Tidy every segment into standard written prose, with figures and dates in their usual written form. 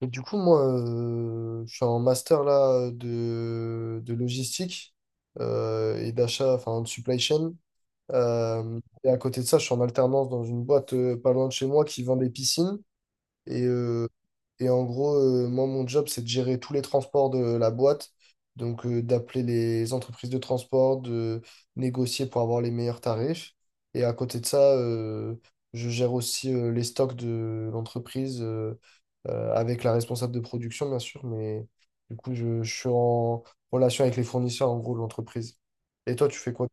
Et du coup, moi, je suis en master là de logistique et d'achat, enfin de supply chain. Et à côté de ça, je suis en alternance dans une boîte pas loin de chez moi qui vend des piscines. Et, euh, et en gros, moi, mon job, c'est de gérer tous les transports de la boîte. Donc, d'appeler les entreprises de transport, de négocier pour avoir les meilleurs tarifs. Et à côté de ça, je gère aussi les stocks de l'entreprise avec la responsable de production, bien sûr. Mais du coup, je suis en relation avec les fournisseurs, en gros, de l'entreprise. Et toi, tu fais quoi?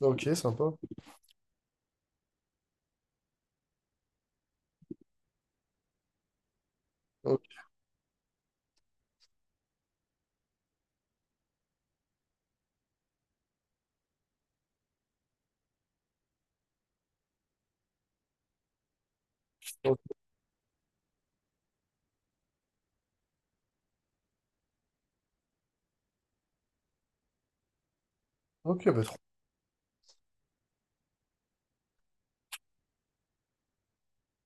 Ok, sympa. Ok, ok, ok, bah, trop.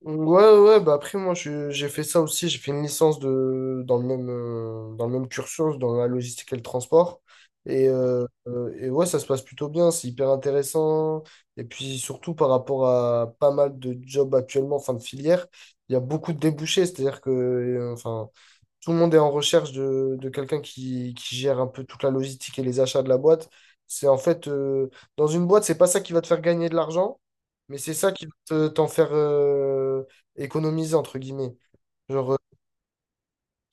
Ouais, ouais, bah après, moi, j'ai fait ça aussi. J'ai fait une licence de, dans le même cursus, dans la logistique et le transport. Et, ok. Et ouais, ça se passe plutôt bien. C'est hyper intéressant. Et puis, surtout par rapport à pas mal de jobs actuellement, enfin de filière, il y a beaucoup de débouchés. C'est-à-dire que, enfin, tout le monde est en recherche de quelqu'un qui gère un peu toute la logistique et les achats de la boîte. C'est en fait, dans une boîte, c'est pas ça qui va te faire gagner de l'argent, mais c'est ça qui va t'en faire économiser, entre guillemets. Genre,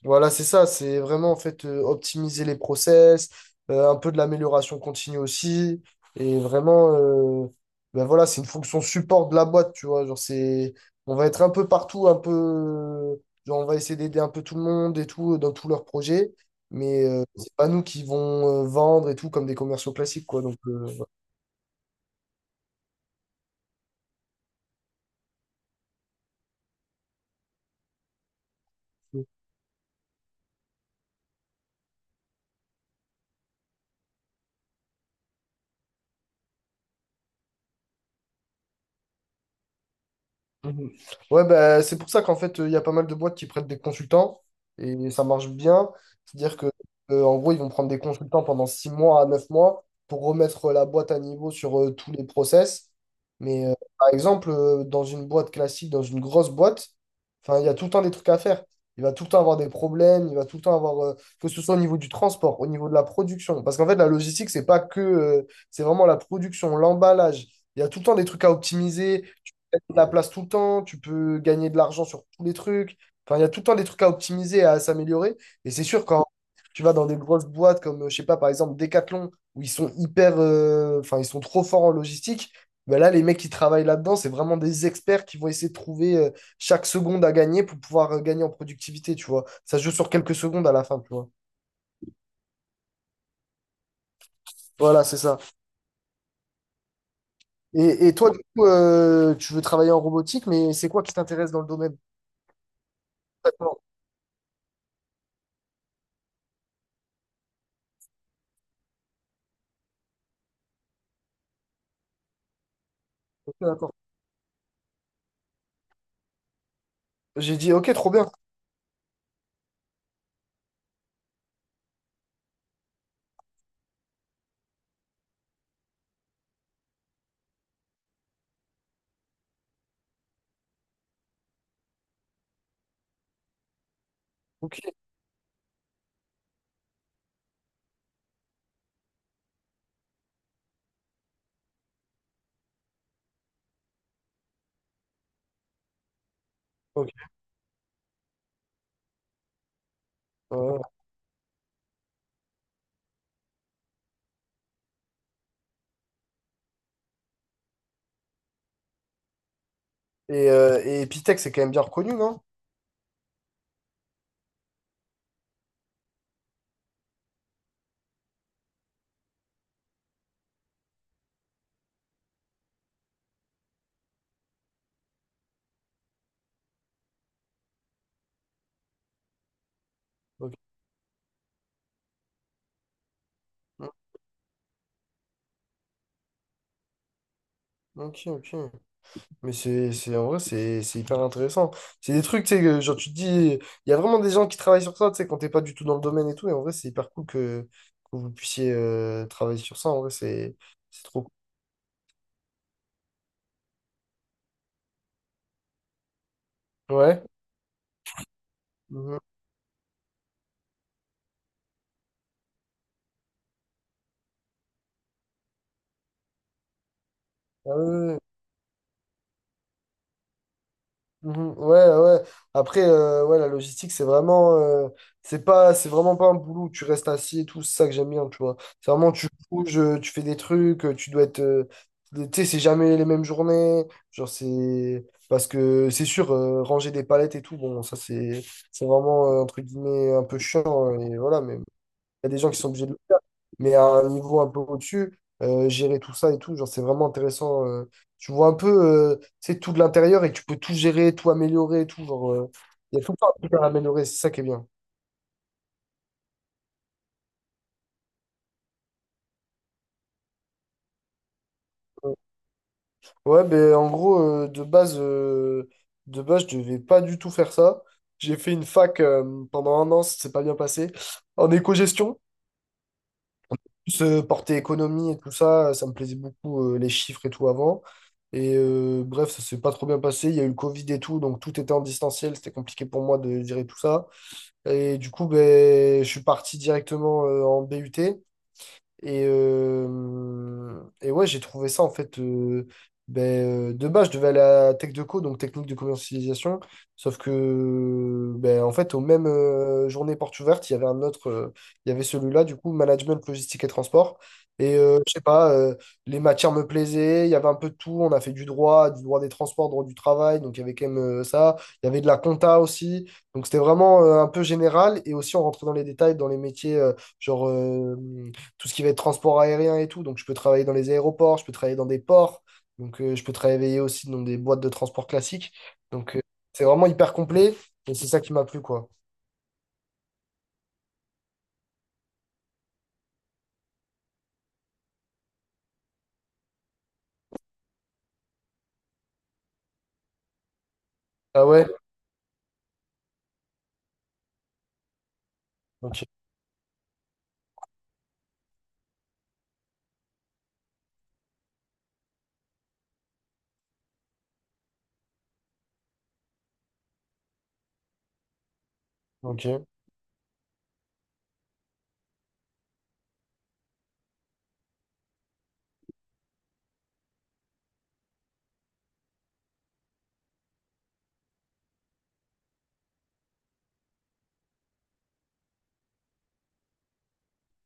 voilà, c'est ça, c'est vraiment en fait optimiser les process, un peu de l'amélioration continue aussi, et vraiment, ben voilà, c'est une fonction support de la boîte, tu vois, genre c'est, on va être un peu partout, un peu, genre on va essayer d'aider un peu tout le monde et tout dans tous leurs projets, mais c'est pas nous qui vont vendre et tout comme des commerciaux classiques, quoi, donc voilà. Mhm. Ouais, bah, c'est pour ça qu'en fait, il y a pas mal de boîtes qui prêtent des consultants et ça marche bien. C'est-à-dire que, en gros, ils vont prendre des consultants pendant 6 mois à 9 mois pour remettre la boîte à niveau sur tous les process. Mais par exemple, dans une boîte classique, dans une grosse boîte, enfin, il y a tout le temps des trucs à faire. Il va tout le temps avoir des problèmes, il va tout le temps avoir, que ce soit au niveau du transport, au niveau de la production. Parce qu'en fait, la logistique, c'est pas que, c'est vraiment la production, l'emballage. Il y a tout le temps des trucs à optimiser de la place tout le temps, tu peux gagner de l'argent sur tous les trucs. Enfin, il y a tout le temps des trucs à optimiser, et à s'améliorer. Et c'est sûr, quand tu vas dans des grosses boîtes comme, je sais pas, par exemple, Decathlon, où ils sont hyper, enfin, ils sont trop forts en logistique, ben là, les mecs qui travaillent là-dedans, c'est vraiment des experts qui vont essayer de trouver chaque seconde à gagner pour pouvoir gagner en productivité, tu vois. Ça se joue sur quelques secondes à la fin, tu vois. Voilà, c'est ça. Et toi, du coup, tu veux travailler en robotique, mais c'est quoi qui t'intéresse dans le domaine? D'accord, ok, d'accord. J'ai dit, ok, trop bien. Ok. Ok. Ouais. Et Epitech, c'est quand même bien reconnu, non? Ok, ok, ok. Mais c'est, en vrai, c'est hyper intéressant. C'est des trucs, tu sais, que, genre, tu te dis, il y a vraiment des gens qui travaillent sur ça, tu sais, quand t'es pas du tout dans le domaine et tout. Et en vrai, c'est hyper cool que vous puissiez travailler sur ça. En vrai, c'est trop cool. Ouais. Mhm. Ah ouais, ouais, ouais. Mhm. Ouais, ouais, ouais. Après, ouais, la logistique, c'est vraiment, c'est pas, c'est vraiment pas un boulot où tu restes assis et tout. C'est ça que j'aime bien, tu vois. C'est vraiment, tu bouges, tu fais des trucs, tu dois être, tu sais, c'est jamais les mêmes journées. Genre, c'est parce que c'est sûr, ranger des palettes et tout. Bon, ça, c'est vraiment, entre guillemets, un peu chiant, hein. Et voilà, mais y a des gens qui sont obligés de le faire. Mais à un niveau un peu au-dessus, gérer tout ça et tout, genre, c'est vraiment intéressant. Tu vois un peu, c'est tout de l'intérieur et tu peux tout gérer, tout améliorer, et tout. Genre, il y a tout le temps un truc à améliorer, c'est ça qui est bien. Ouais, ben en gros, de base, je devais pas du tout faire ça. J'ai fait une fac pendant un an, ça s'est pas bien passé, en éco-gestion. Ce porté économie et tout ça, ça me plaisait beaucoup, les chiffres et tout avant. Bref, ça s'est pas trop bien passé. Il y a eu le Covid et tout, donc tout était en distanciel. C'était compliqué pour moi de gérer tout ça. Et du coup, ben, je suis parti directement en BUT. Et ouais, j'ai trouvé ça en fait. Ben, de base, je devais aller à Tech de co donc technique de commercialisation. Sauf que, ben, en fait, aux mêmes journées portes ouvertes, il y avait un autre. Il y avait celui-là, du coup, management, logistique et transport. Je sais pas, les matières me plaisaient, il y avait un peu de tout. On a fait du droit des transports, droit du travail, donc il y avait quand même ça. Il y avait de la compta aussi. Donc c'était vraiment un peu général. Et aussi, on rentrait dans les détails, dans les métiers, genre. euh, tout ce qui va être transport aérien et tout. Donc, je peux travailler dans les aéroports, je peux travailler dans des ports, donc je peux travailler aussi dans des boîtes de transport classiques. Donc, c'est vraiment hyper complet et c'est ça qui m'a plu, quoi. Ah ouais? Ok, ok,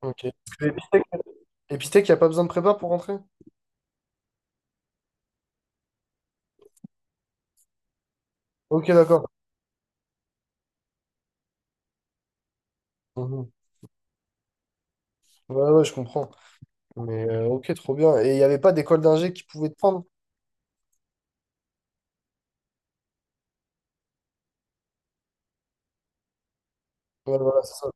ok. Parce que Epitech, Epitech, il n'y a pas besoin de prépa pour rentrer? Ok, d'accord. Mhm. Ouais, ouais, je comprends. Mais ok, trop bien. Et il n'y avait pas d'école d'ingé qui pouvait te prendre? Ouais, voilà, c'est ça.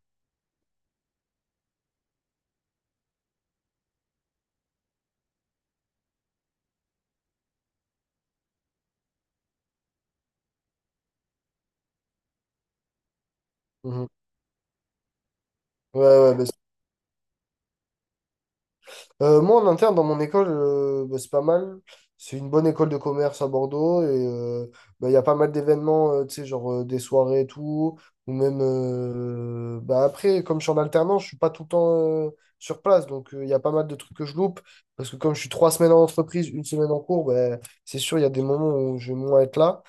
Mhm. Ouais, ouais, bah, moi, en interne, dans mon école, bah, c'est pas mal. C'est une bonne école de commerce à Bordeaux et bah, il y a pas mal d'événements, tu sais, genre des soirées et tout. Ou même, bah, après, comme je suis en alternance, je suis pas tout le temps sur place. Donc, il y a pas mal de trucs que je loupe. Parce que comme je suis trois semaines en entreprise, une semaine en cours, bah, c'est sûr, il y a des moments où je vais moins être là.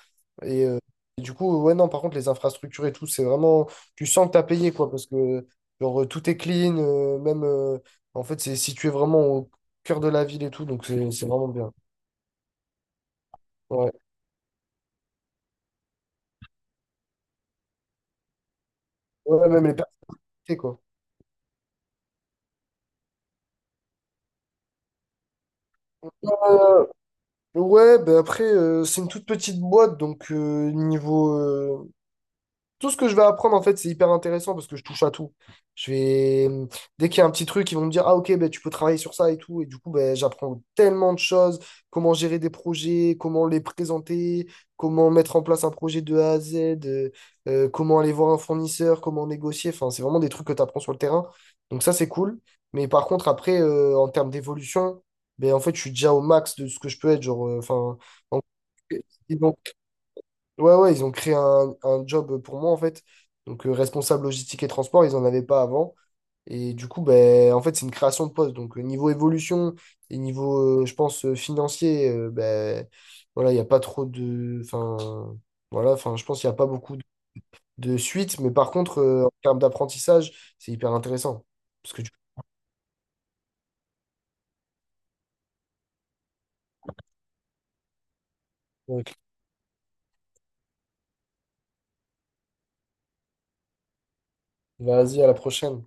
Et, euh, et du coup, ouais, non, par contre, les infrastructures et tout, c'est vraiment, tu sens que t'as payé, quoi, parce que genre, tout est clean, même. En fait, c'est situé vraiment au cœur de la ville et tout, donc c'est vraiment bien. Ouais. Ouais, même les personnalités, quoi. Ouais, bah après, c'est une toute petite boîte, donc tout ce que je vais apprendre, en fait, c'est hyper intéressant parce que je touche à tout. Je vais... hum, Dès qu'il y a un petit truc, ils vont me dire, ah ok, ben, tu peux travailler sur ça et tout. Et du coup, ben, j'apprends tellement de choses, comment gérer des projets, comment les présenter, comment mettre en place un projet de A à Z, euh, comment aller voir un fournisseur, comment négocier. Enfin, c'est vraiment des trucs que tu apprends sur le terrain. Donc ça, c'est cool. Mais par contre, après, en termes d'évolution, ben, en fait, je suis déjà au max de ce que je peux être. Genre, en- Ouais, ouais, ils ont créé un job pour moi, en fait. Donc, responsable logistique et transport, ils n'en avaient pas avant. Et du coup, ben, en fait, c'est une création de poste. Donc, niveau évolution et niveau, je pense, financier, ben, voilà, il n'y a pas trop de. Enfin, voilà, enfin, je pense qu'il n'y a pas beaucoup de suite. Mais par contre, en termes d'apprentissage, c'est hyper intéressant. Parce que tu. Vas-y, à la prochaine.